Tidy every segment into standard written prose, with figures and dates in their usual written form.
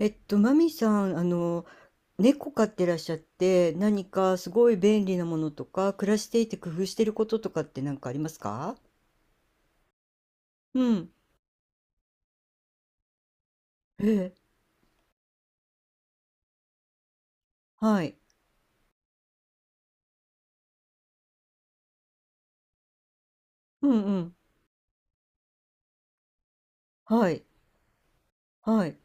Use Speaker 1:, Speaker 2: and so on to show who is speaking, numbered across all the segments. Speaker 1: マミさん、猫飼ってらっしゃって、何かすごい便利なものとか、暮らしていて工夫してることとかって何かありますか？うん。ええ、はい。うんうん。はい。はい。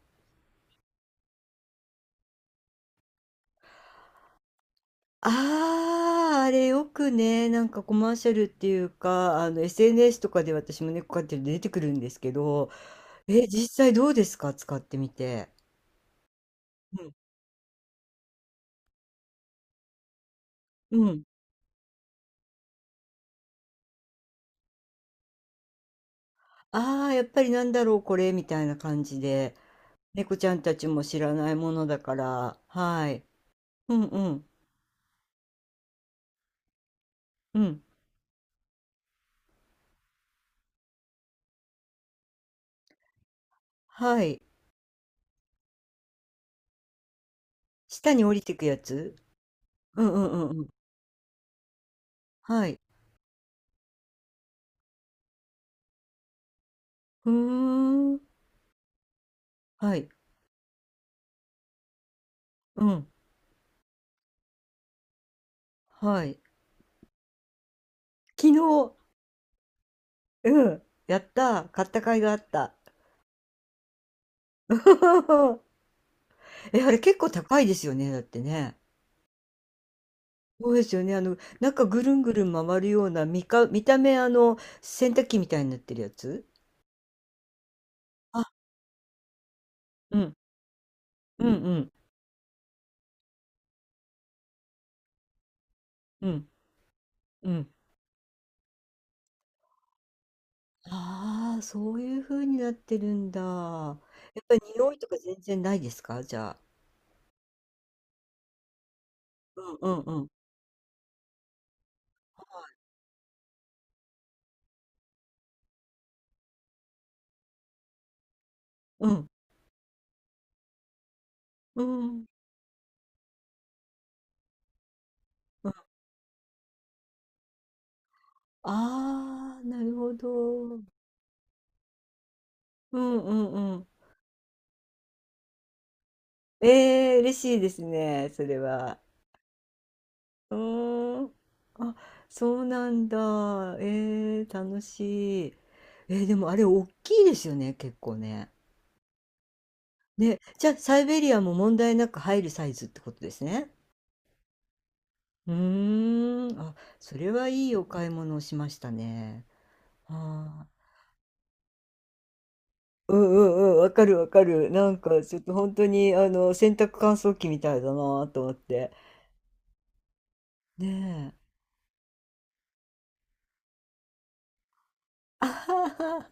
Speaker 1: ああ、あれよくね、なんかコマーシャルっていうか、SNS とかで私も猫飼ってるんで出てくるんですけど、え、実際どうですか、使ってみて。うん。うん。ああ、やっぱりなんだろう、これ、みたいな感じで。猫ちゃんたちも知らないものだから、はい。うんうん、うん。はい。下に降りてくやつ。うんうんうんうん。はい。うーん。はい。うん。はい。昨日、うん。やった。買った甲斐があった。え、あれ結構高いですよね、だってね。そうですよね。なんかぐるんぐるん回るような、見た目洗濯機みたいになってるやつ。あ、うん。うんうん。うん。うん。ああ、そういう風になってるんだ。やっぱり匂いとか全然ないですか、じゃあ？うんうんうん。うん。うん。うん。ああ、なるほど。うんうんうん。ええ、嬉しいですね、それは。うーん。あ、そうなんだ。ええ、楽しい。でもあれおっきいですよね、結構ね。ね、じゃ、あサイベリアも問題なく入るサイズってことですね？うーん、あ、それはいいお買い物をしましたね。は、うんうんうん、わかるわかる。なんかちょっと本当に洗濯乾燥機みたいだなと思って。ねえ。あはは。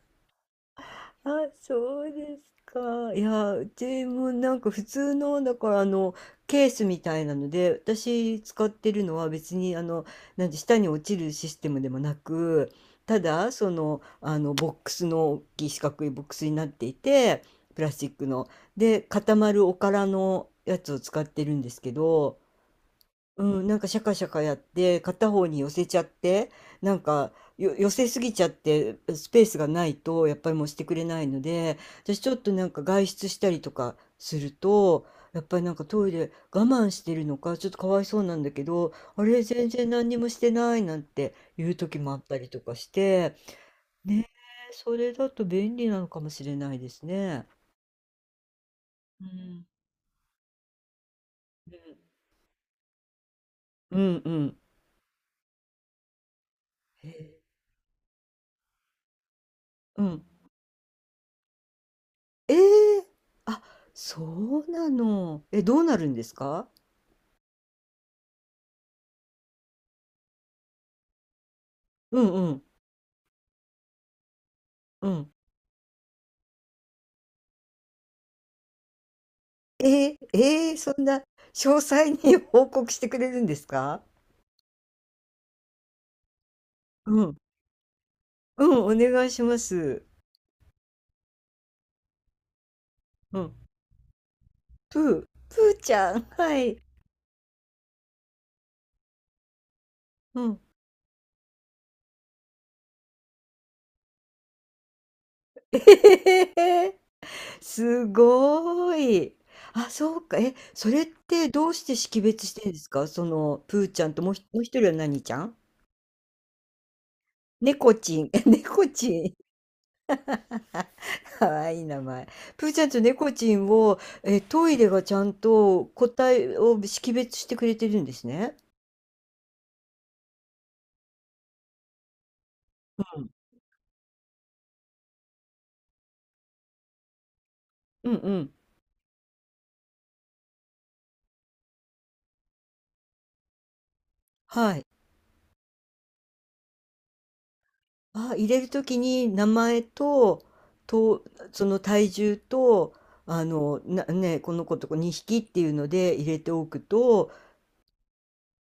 Speaker 1: あ、そうですか。いや、うちもなんか普通の、だからケースみたいなので、私使ってるのは別になんて下に落ちるシステムでもなく、ただ、ボックスの、大きい四角いボックスになっていて、プラスチックの。で、固まるおからのやつを使ってるんですけど、うん、なんかシャカシャカやって片方に寄せちゃって、なんか寄せすぎちゃってスペースがないとやっぱりもうしてくれないので、私ちょっとなんか外出したりとかすると、やっぱりなんかトイレ我慢してるのかちょっとかわいそうなんだけど、あれ全然何にもしてないなんていう時もあったりとかして。ねえ、それだと便利なのかもしれないですね。うんうんうんうん。へえ。うん。ええ。あ、そうなの。え、どうなるんですか？うんうんうん。えー、えー、そんな詳細に 報告してくれるんですか？うん。うん、お願いします。うん。プー、プーちゃん。はい。うん。えへへへ。すごーい。あ、そうか。え、それってどうして識別してるんですか、その、プーちゃんともう一人は何ちゃん？猫ちん。え、猫ちん。かわいい名前。プーちゃんと猫ちんを、え、トイレがちゃんと個体を識別してくれてるんですね。うん。うんうん。はい。あ、入れるときに名前と、と、その体重と、この子と2匹っていうので入れておくと、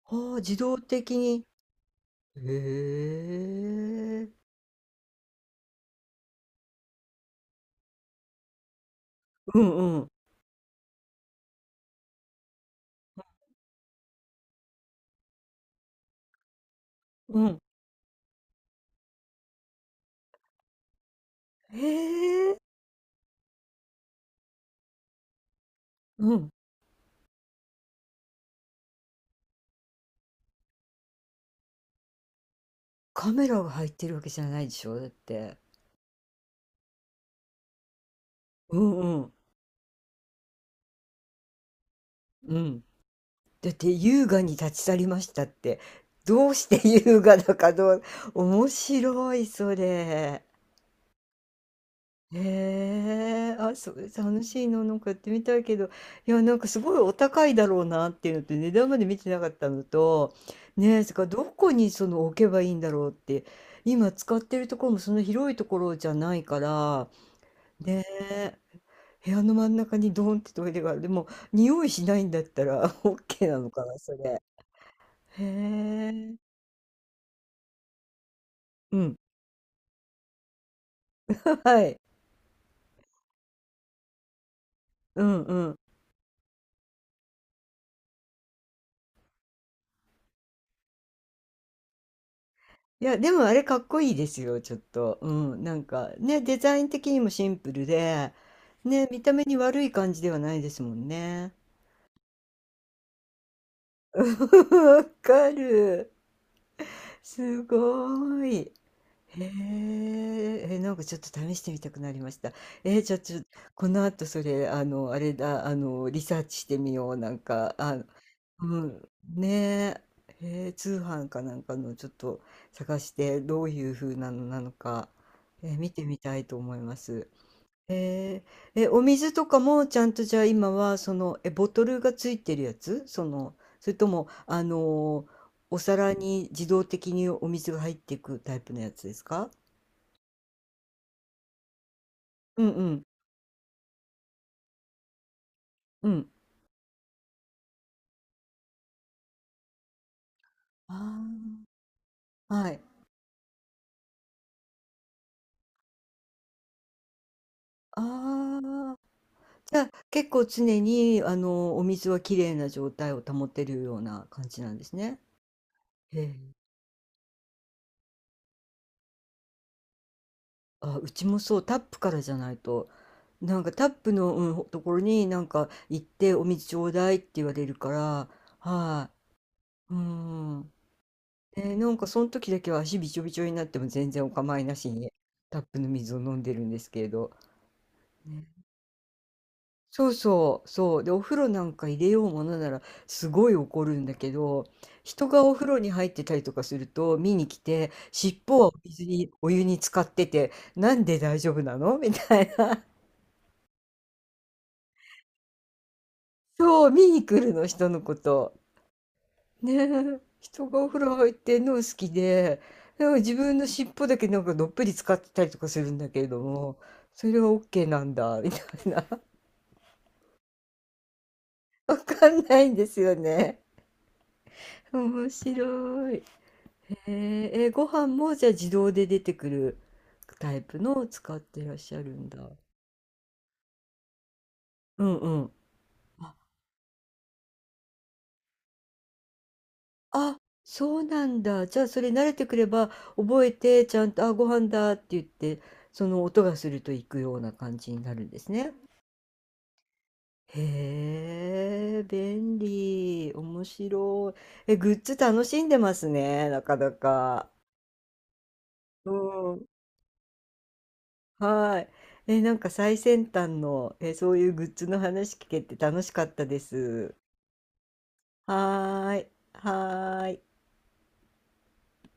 Speaker 1: ああ、自動的に。へえ。うんうん。うん。へえ。うん。カメラが入ってるわけじゃないでしょ、だって。うんうん。うん。だって優雅に立ち去りましたって、どうして優雅だか面白い、それ。へえ、あ、そう楽しいの、なんかやってみたいけど、いや、なんかすごいお高いだろうなっていうのと、値段まで見てなかったのと、ねえ、それからどこにその置けばいいんだろうって、今使ってるところもそんな広いところじゃないから、ねえ、部屋の真ん中にドーンってトイレがある。でも、匂いしないんだったら OK なのかな、それ。へえ。うん。はい。うんうん。いや、でもあれかっこいいですよ、ちょっと。うん。なんかね、デザイン的にもシンプルで、ね、見た目に悪い感じではないですもんね。わかる。すごい。へえ、え、なんかちょっと試してみたくなりました。えー、じゃあちょ、この後それ、あれだ、リサーチしてみよう。なんか、あ、うん、ねえ、へえ、通販かなんかのちょっと、探してどういう風なのか、え、見てみたいと思います。えーえ、お水とかもちゃんと、じゃあ今はその、え、ボトルがついてるやつ、それとも、お皿に自動的にお水が入っていくタイプのやつですか？うんうん。うん。ああ、はい。ああ、じゃあ、結構常に、お水は綺麗な状態を保てるような感じなんですね。へえ。あ、うちもそう、タップからじゃないと、なんかタップの、うん、ところになんか行ってお水ちょうだいって言われるから、はい、うん。えー、なんかその時だけは足びちょびちょになっても全然お構いなしにタップの水を飲んでるんですけれど。ね、そうそう、そう。で、お風呂なんか入れようものならすごい怒るんだけど、人がお風呂に入ってたりとかすると見に来て、尻尾はお水に、お湯に浸かってて、なんで大丈夫なの、みたいな。そう、見に来るの、人のこと。ねえ、人がお風呂入ってんの好きで、でも自分の尻尾だけなんかどっぷり使ってたりとかするんだけれども、それは OK なんだ、みたいな。わかんないんですよね。面白い。へえ、え、ご飯もじゃあ自動で出てくるタイプのを使ってらっしゃるんだ。うんうん。あ、あ、そうなんだ。じゃあそれ慣れてくれば覚えてちゃんと、あ、ご飯だって言って、その音がすると行くような感じになるんですね。へえ、便利。面白い。え、グッズ楽しんでますね、なかなか。うん。はい。え、なんか最先端の、え、そういうグッズの話聞けて楽しかったです。はーい。はーい。